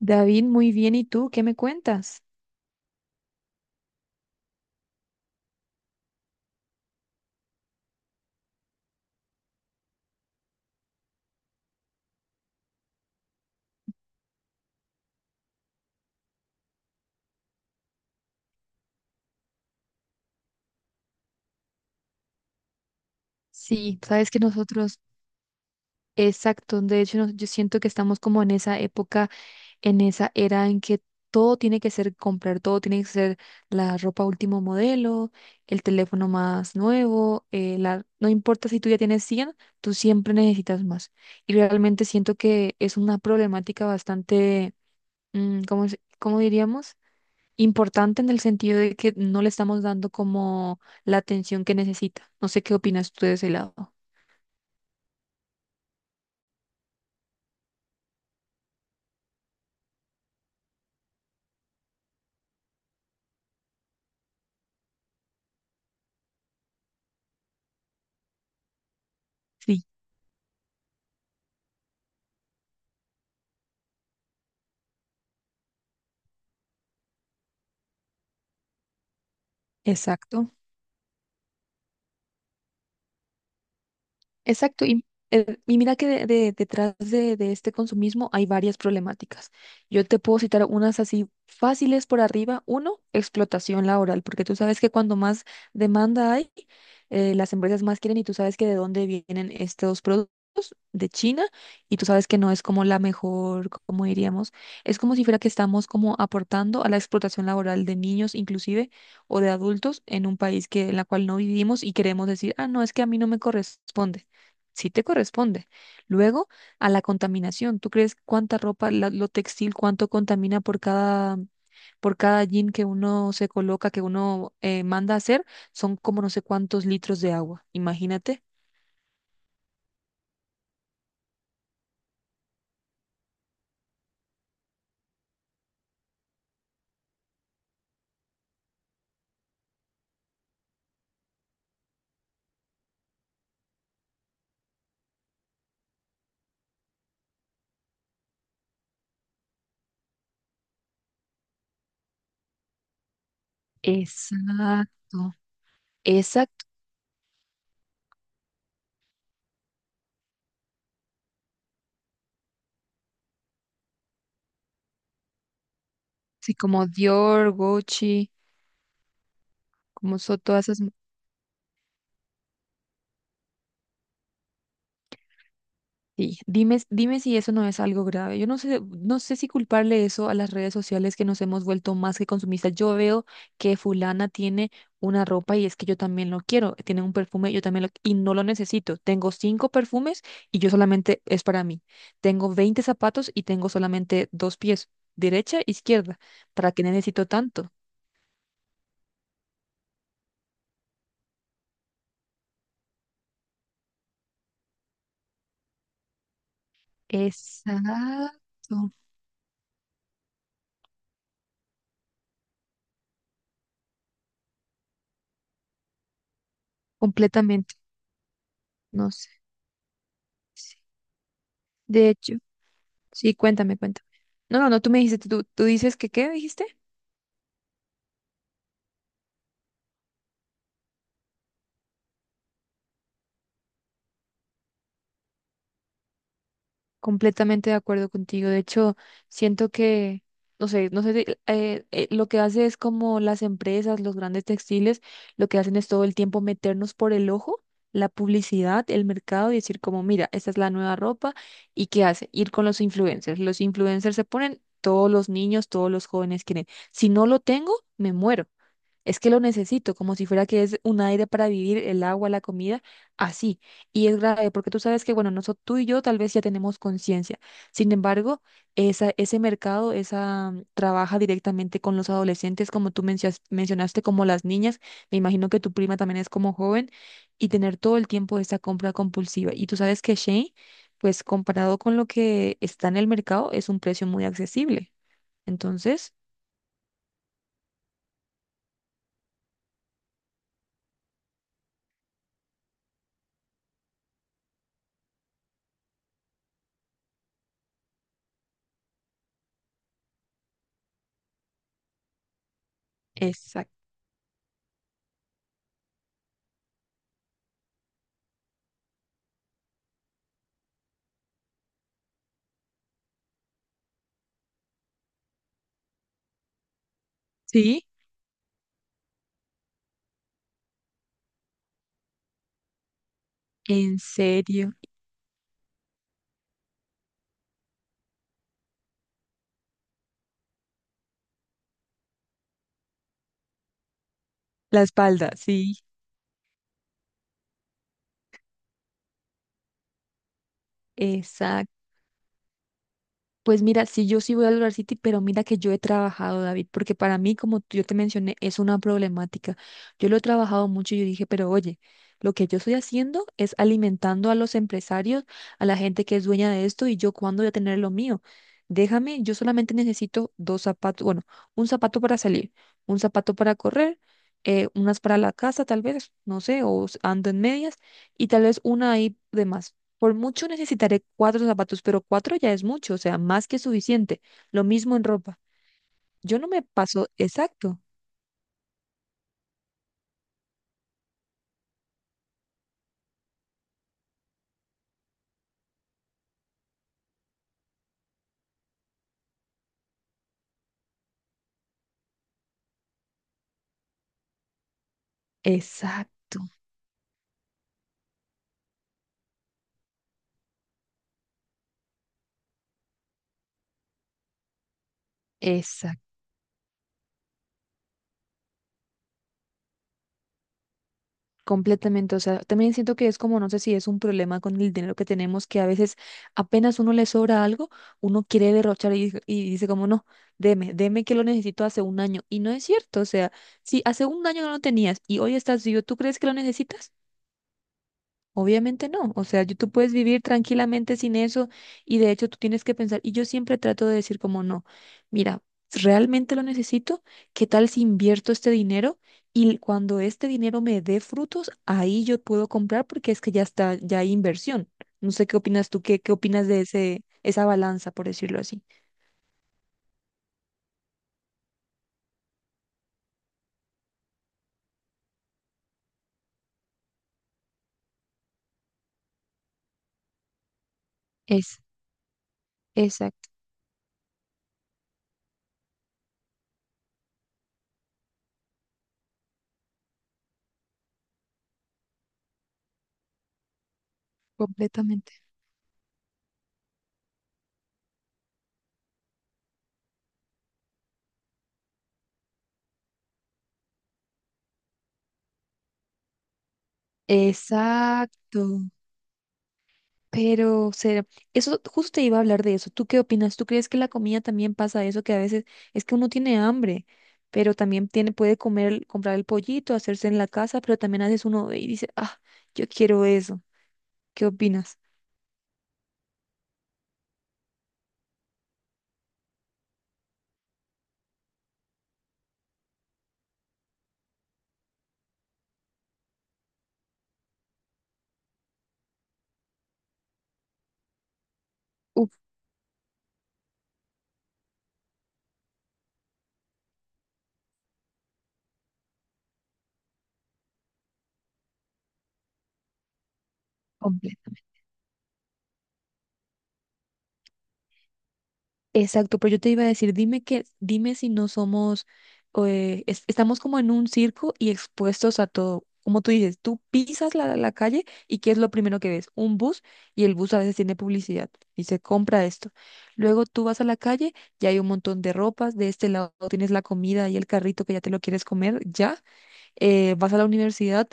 David, muy bien. ¿Y tú qué me cuentas? Sí, sabes que nosotros, exacto, de hecho yo siento que estamos como en esa época, en esa era en que todo tiene que ser comprar, todo tiene que ser la ropa último modelo, el teléfono más nuevo, no importa si tú ya tienes 100, tú siempre necesitas más. Y realmente siento que es una problemática bastante, ¿cómo, cómo diríamos? Importante en el sentido de que no le estamos dando como la atención que necesita. No sé qué opinas tú de ese lado. Sí, exacto. Exacto, y mira que detrás de este consumismo hay varias problemáticas. Yo te puedo citar unas así fáciles por arriba. Uno, explotación laboral, porque tú sabes que cuando más demanda hay, las empresas más quieren y tú sabes que de dónde vienen estos productos, de China, y tú sabes que no es como la mejor, como diríamos, es como si fuera que estamos como aportando a la explotación laboral de niños inclusive o de adultos en un país que, en la cual no vivimos y queremos decir, ah, no, es que a mí no me corresponde, sí te corresponde. Luego, a la contaminación. ¿Tú crees cuánta ropa, lo textil, cuánto contamina por cada jean que uno se coloca, que uno manda a hacer? Son como no sé cuántos litros de agua. Imagínate. Exacto, exacto. Sí, como Dior, Gucci, como son todas esas. Sí, dime, dime si eso no es algo grave. Yo no sé, no sé si culparle eso a las redes sociales que nos hemos vuelto más que consumistas. Yo veo que fulana tiene una ropa y es que yo también lo quiero. Tiene un perfume, yo también lo y no lo necesito. Tengo cinco perfumes y yo solamente es para mí. Tengo 20 zapatos y tengo solamente dos pies, derecha e izquierda. ¿Para qué necesito tanto? Exacto, completamente. No sé. Sí. De hecho. Sí, cuéntame, cuéntame. No, no, no, tú me dijiste, tú dices que qué dijiste. Completamente de acuerdo contigo. De hecho, siento que, no sé, no sé, lo que hace es como las empresas, los grandes textiles, lo que hacen es todo el tiempo meternos por el ojo la publicidad, el mercado y decir como, mira, esta es la nueva ropa y qué hace, ir con los influencers. Los influencers se ponen, todos los niños, todos los jóvenes quieren. Si no lo tengo, me muero. Es que lo necesito, como si fuera que es un aire para vivir, el agua, la comida, así. Y es grave, porque tú sabes que, bueno, nosotros, tú y yo tal vez ya tenemos conciencia. Sin embargo, esa, ese mercado, esa trabaja directamente con los adolescentes, como tú mencionaste, como las niñas. Me imagino que tu prima también es como joven y tener todo el tiempo esa compra compulsiva. Y tú sabes que Shane, pues comparado con lo que está en el mercado, es un precio muy accesible. Entonces, exacto. Sí, en serio. La espalda, sí. Exacto. Pues mira, sí, yo sí voy a lograr City, pero mira que yo he trabajado, David, porque para mí, como yo te mencioné, es una problemática. Yo lo he trabajado mucho y yo dije, pero oye, lo que yo estoy haciendo es alimentando a los empresarios, a la gente que es dueña de esto, y yo cuándo voy a tener lo mío. Déjame, yo solamente necesito dos zapatos, bueno, un zapato para salir, un zapato para correr, unas para la casa, tal vez, no sé, ando en medias, y tal vez una ahí de más. Por mucho necesitaré cuatro zapatos, pero cuatro ya es mucho, o sea, más que suficiente. Lo mismo en ropa. Yo no me paso, exacto, exacto, exacto, completamente. O sea, también siento que es como, no sé si es un problema con el dinero que tenemos, que a veces apenas uno le sobra algo, uno quiere derrochar y dice como, no, deme, deme que lo necesito hace un año. Y no es cierto, o sea, si hace un año no lo tenías y hoy estás vivo, ¿tú crees que lo necesitas? Obviamente no, o sea, tú puedes vivir tranquilamente sin eso y de hecho tú tienes que pensar, y yo siempre trato de decir como no, mira, ¿realmente lo necesito? ¿Qué tal si invierto este dinero y cuando este dinero me dé frutos, ahí yo puedo comprar porque es que ya está, ya hay inversión? No sé qué opinas tú, qué, qué opinas de ese, esa balanza, por decirlo así. Es, exacto, completamente. Exacto. Pero será, eso justo te iba a hablar de eso. ¿Tú qué opinas? ¿Tú crees que la comida también pasa eso? Que a veces es que uno tiene hambre, pero también tiene, puede comer, comprar el pollito, hacerse en la casa, pero también a veces uno ve y dice, ah, yo quiero eso. ¿Qué opinas? Uf, complejo. Exacto, pero yo te iba a decir, dime que, dime si no somos, estamos como en un circo y expuestos a todo. Como tú dices, tú pisas la, la calle y ¿qué es lo primero que ves? Un bus y el bus a veces tiene publicidad y se compra esto. Luego tú vas a la calle y hay un montón de ropas, de este lado tienes la comida y el carrito que ya te lo quieres comer, ya. Vas a la universidad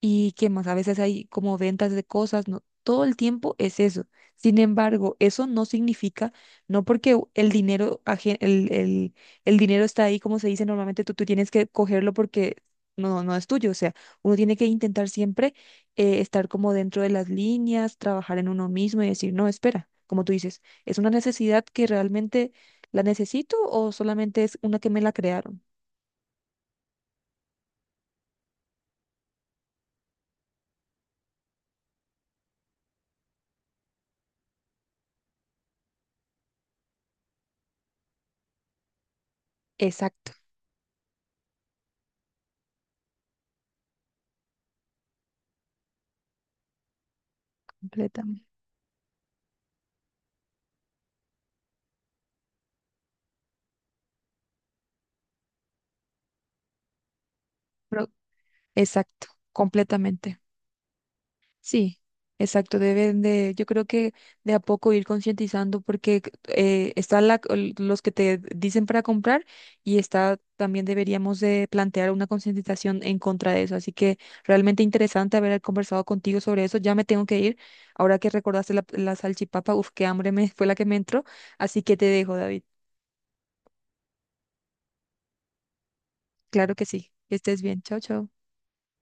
y qué más, a veces hay como ventas de cosas, ¿no? Todo el tiempo es eso. Sin embargo, eso no significa, no porque el dinero, el dinero está ahí, como se dice normalmente, tú tienes que cogerlo porque no, no es tuyo. O sea, uno tiene que intentar siempre estar como dentro de las líneas, trabajar en uno mismo y decir, no, espera, como tú dices, ¿es una necesidad que realmente la necesito o solamente es una que me la crearon? Exacto, completamente. Pero- Exacto, completamente. Sí, exacto. Deben de, yo creo que de a poco ir concientizando porque están los que te dicen para comprar y está también deberíamos de plantear una concientización en contra de eso. Así que realmente interesante haber conversado contigo sobre eso. Ya me tengo que ir. Ahora que recordaste la, la salchipapa, uf, qué hambre me fue la que me entró. Así que te dejo, David. Claro que sí. Que estés bien. Chao, chao.